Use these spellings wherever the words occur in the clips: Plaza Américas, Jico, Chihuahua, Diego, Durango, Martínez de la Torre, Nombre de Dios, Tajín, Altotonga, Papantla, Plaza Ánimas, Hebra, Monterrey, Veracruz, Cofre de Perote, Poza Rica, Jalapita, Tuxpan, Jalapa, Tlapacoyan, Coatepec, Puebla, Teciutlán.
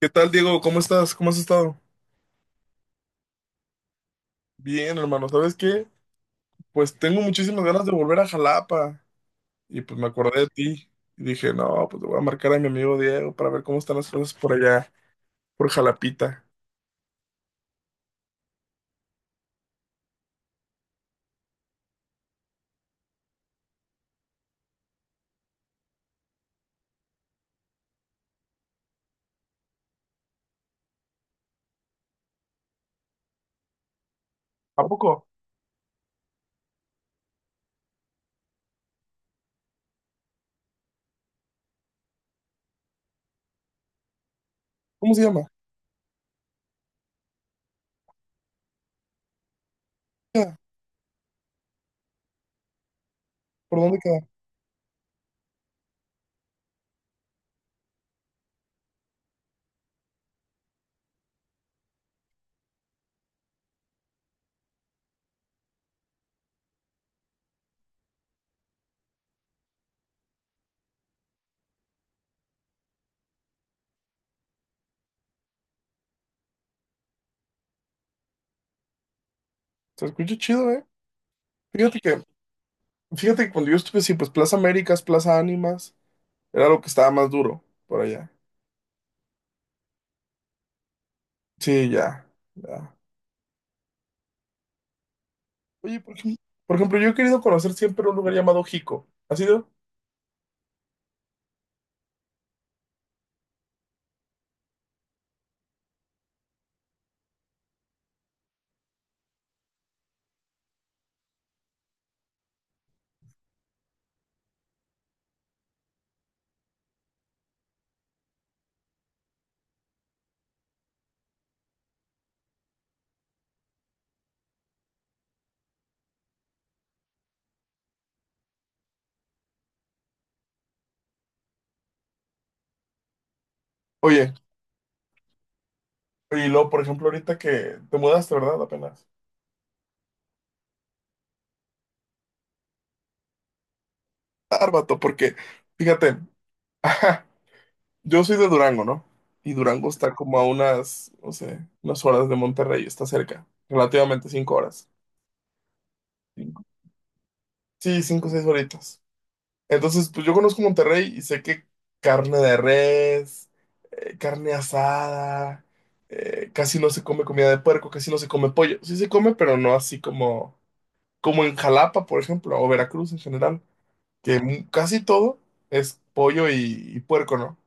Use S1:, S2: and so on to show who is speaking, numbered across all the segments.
S1: ¿Qué tal, Diego? ¿Cómo estás? ¿Cómo has estado? Bien, hermano. ¿Sabes qué? Pues tengo muchísimas ganas de volver a Jalapa. Y pues me acordé de ti. Y dije, no, pues le voy a marcar a mi amigo Diego para ver cómo están las cosas por allá, por Jalapita. ¿A poco? ¿Cómo se llama? Ya. ¿Por dónde queda? Se escucha chido, ¿eh? Fíjate que, fíjate que cuando yo estuve así, pues Plaza Américas, Plaza Ánimas, era lo que estaba más duro por allá. Sí, ya, ya. Oye, por ejemplo, yo he querido conocer siempre un lugar llamado Jico. ¿Has ido? Oye, y luego, por ejemplo, ahorita que te mudaste, ¿verdad? Apenas. Árbato porque, fíjate, ajá, yo soy de Durango, ¿no? Y Durango está como a unas, no sé, unas horas de Monterrey, está cerca, relativamente 5 horas. Cinco. Sí, 5 o 6 horitas. Entonces, pues yo conozco Monterrey y sé que carne de res, carne asada, casi no se come comida de puerco, casi no se come pollo. Sí se come, pero no así como en Jalapa, por ejemplo, o Veracruz en general. Que casi todo es pollo y puerco, ¿no?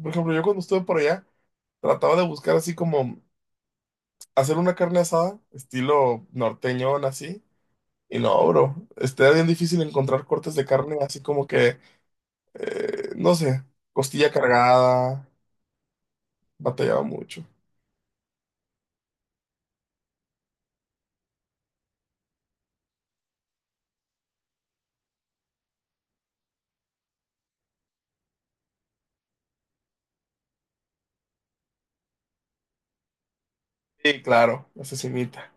S1: Por ejemplo, yo cuando estuve por allá, trataba de buscar así como hacer una carne asada, estilo norteñón, así. Y no, bro, está bien difícil encontrar cortes de carne así como que, no sé, costilla cargada, batallaba mucho. Sí, claro, asesinita,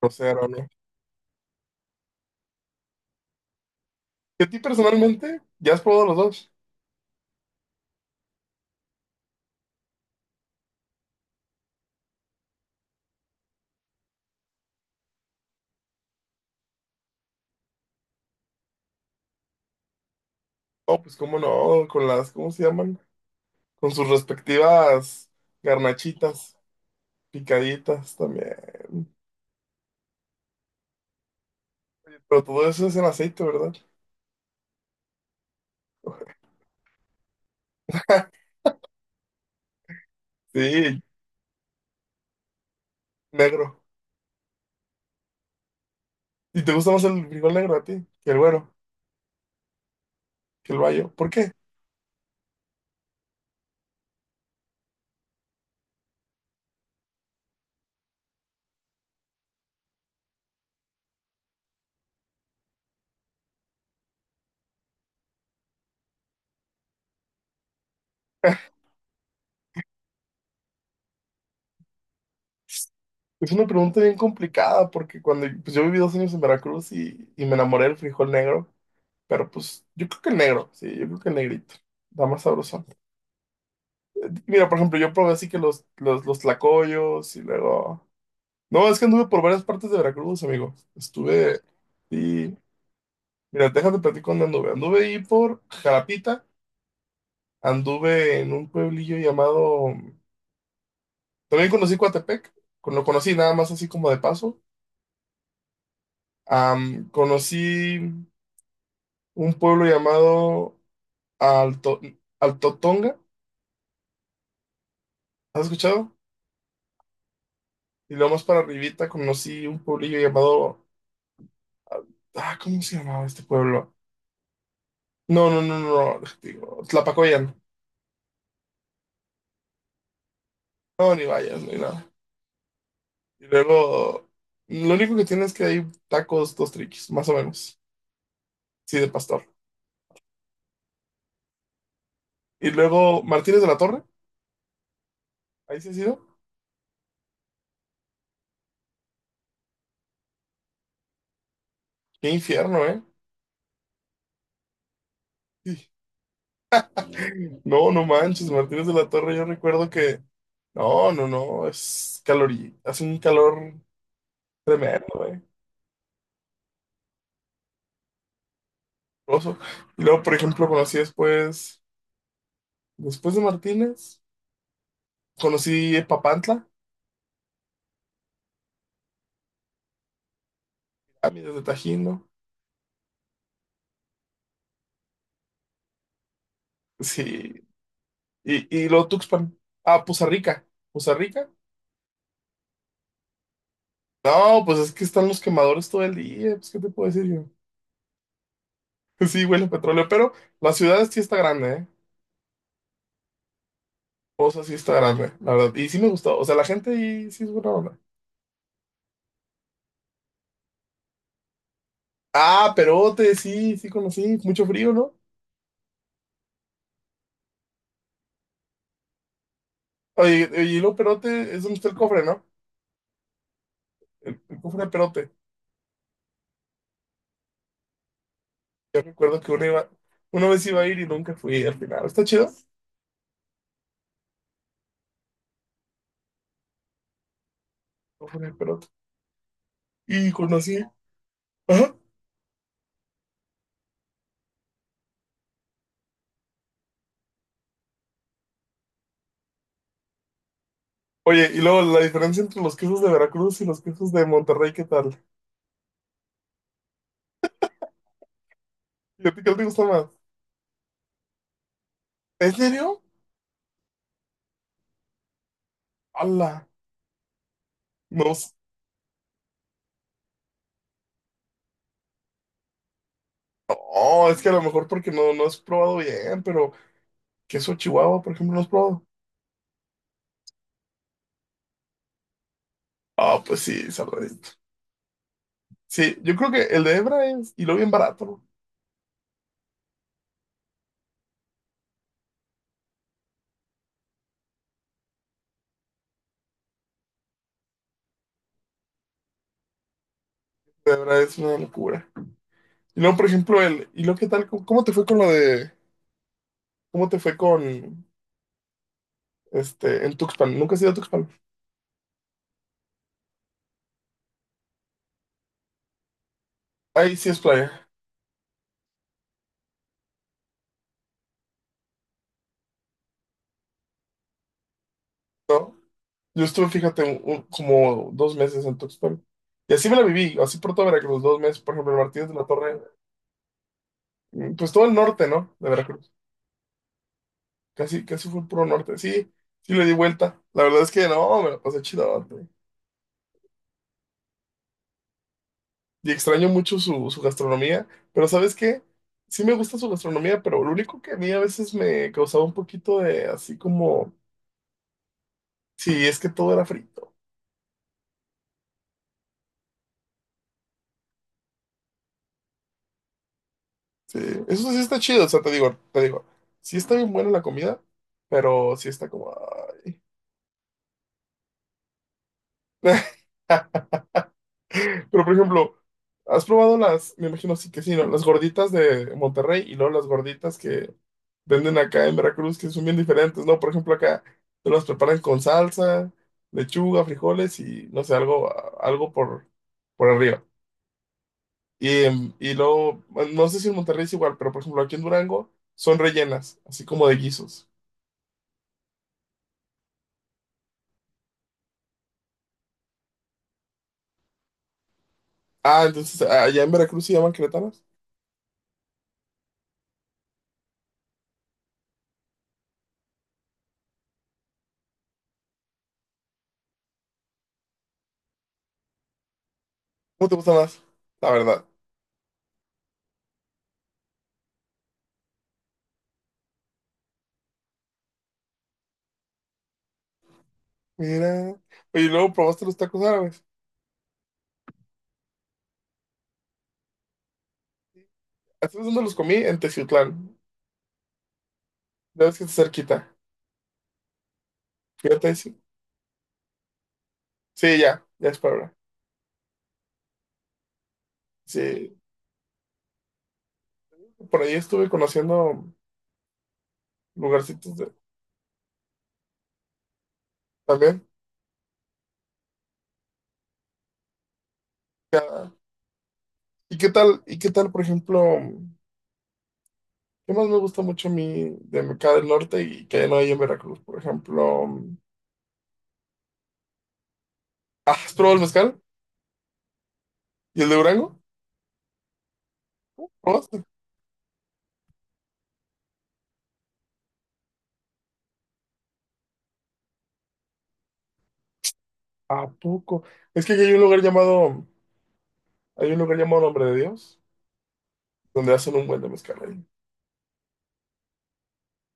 S1: grosero, ¿no? ¿Y a ti personalmente? ¿Ya has probado los dos? Oh, pues cómo no, con las, ¿cómo se llaman? Con sus respectivas garnachitas. Picaditas también. Pero todo eso es en aceite, ¿verdad? Sí, negro. ¿Y te gusta más el frijol negro a ti que el güero, que el bayo? ¿Por qué? Es una pregunta bien complicada porque cuando pues yo viví 2 años en Veracruz y me enamoré del frijol negro, pero pues yo creo que el negro, sí, yo creo que el negrito, da más sabroso. Mira, por ejemplo, yo probé así que los tlacoyos y luego. No, es que anduve por varias partes de Veracruz, amigo. Y... Mira, déjate platicar dónde anduve. Anduve ahí por Jalapita. Anduve en un pueblillo llamado. También conocí Coatepec, lo conocí nada más así como de paso. Conocí un pueblo llamado Alto... Altotonga, ¿has escuchado? Y luego más para arribita conocí un pueblillo llamado. Ah, ¿cómo se llamaba este pueblo? No, no, no, no, no, digo, Tlapacoyan. No, ni vayas, ni nada. Y luego, lo único que tiene es que hay tacos, dos triquis, más o menos. Sí, de pastor. Y luego, Martínez de la Torre, ahí sí ha sido. Qué infierno, ¿eh? No, no manches, Martínez de la Torre, yo recuerdo que. No, no, no, es calorí, hace un calor tremendo, ¿eh? Oso. Y luego, por ejemplo, conocí después de Martínez, conocí Papantla, a de Tajín, ¿no? Sí, y luego Tuxpan. Ah, Poza Rica, Poza Rica. No, pues es que están los quemadores todo el día, pues, ¿qué te puedo decir yo? Sí, huele a petróleo, pero la ciudad sí está grande, ¿eh? O sí está grande, la verdad. Y sí me gustó. O sea, la gente ahí sí es buena onda. Ah, Perote, sí, sí conocí. Mucho frío, ¿no? Oye, oye, y luego Perote es donde está el cofre, ¿no? El cofre de Perote. Yo recuerdo que uno iba, una vez iba a ir y nunca fui al final. ¿Está chido? Cofre de Perote. Y conocí. Ajá. Oye, y luego la diferencia entre los quesos de Veracruz y los quesos de Monterrey, ¿qué tal? ¿Y a ti qué te gusta más? ¿En serio? ¡Hala! No, no, es que a lo mejor porque no has probado bien, pero queso Chihuahua, por ejemplo, no has probado. Ah, pues sí, salvadito. Sí, yo creo que el de Hebra es, y lo bien barato, ¿no? El de Hebra es una locura. Y luego, por ejemplo, ¿y luego qué tal? ¿Cómo te fue con lo de, cómo te fue con, en Tuxpan? ¿Nunca has ido a Tuxpan? Ahí sí es playa, ¿no? Yo estuve, fíjate, como 2 meses en Tuxpan. Y así me la viví, así por toda Veracruz, 2 meses, por ejemplo, el Martínez de la Torre, pues todo el norte, ¿no? De Veracruz. Casi, casi fue el puro norte. Sí, sí le di vuelta. La verdad es que no, me la pasé chido. Y extraño mucho su gastronomía, pero ¿sabes qué? Sí me gusta su gastronomía, pero lo único que a mí a veces me causaba un poquito de así como, sí, es que todo era frito. Sí, eso sí está chido, o sea, te digo, sí está bien buena la comida, pero sí está como, ay. Pero, por ejemplo, ¿has probado las, me imagino sí que sí, ¿no? Las gorditas de Monterrey y luego las gorditas que venden acá en Veracruz, que son bien diferentes, ¿no? Por ejemplo, acá te las preparan con salsa, lechuga, frijoles y, no sé, algo por arriba. Y luego, bueno, no sé si en Monterrey es igual, pero, por ejemplo, aquí en Durango son rellenas, así como de guisos. Ah, entonces, allá en Veracruz se llaman queretanas. ¿Cómo te gusta más? La verdad. Mira. Oye, ¿y luego probaste los tacos árabes? ¿Hace dónde los comí? En Teciutlán. Ya ves que está cerquita. Fíjate, sí. Sí, ya, ya es Puebla. Sí, por ahí estuve conociendo lugarcitos también. Ya. ¿Y qué tal? ¿Y qué tal, por ejemplo? ¿Qué más me gusta mucho a mí de acá del norte y que no hay en Veracruz? Por ejemplo, ah, ¿has probado el mezcal? ¿Y el de Durango? ¿Probaste? ¿A poco? Es que aquí hay un lugar llamado, hay un lugar llamado Nombre de Dios, donde hacen un buen de mezcal ahí.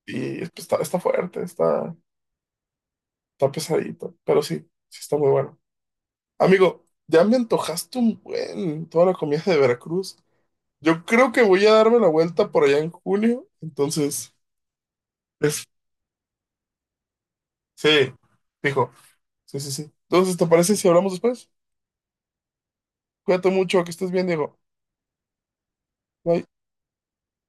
S1: Y pues, está fuerte. Está pesadito, pero sí, sí está muy bueno. Amigo, ya me antojaste un buen toda la comida de Veracruz. Yo creo que voy a darme la vuelta por allá en junio, entonces, es, sí, dijo, sí, sí, sí. Entonces, ¿te parece si hablamos después? Cuídate mucho, que estés bien, Diego. Bye.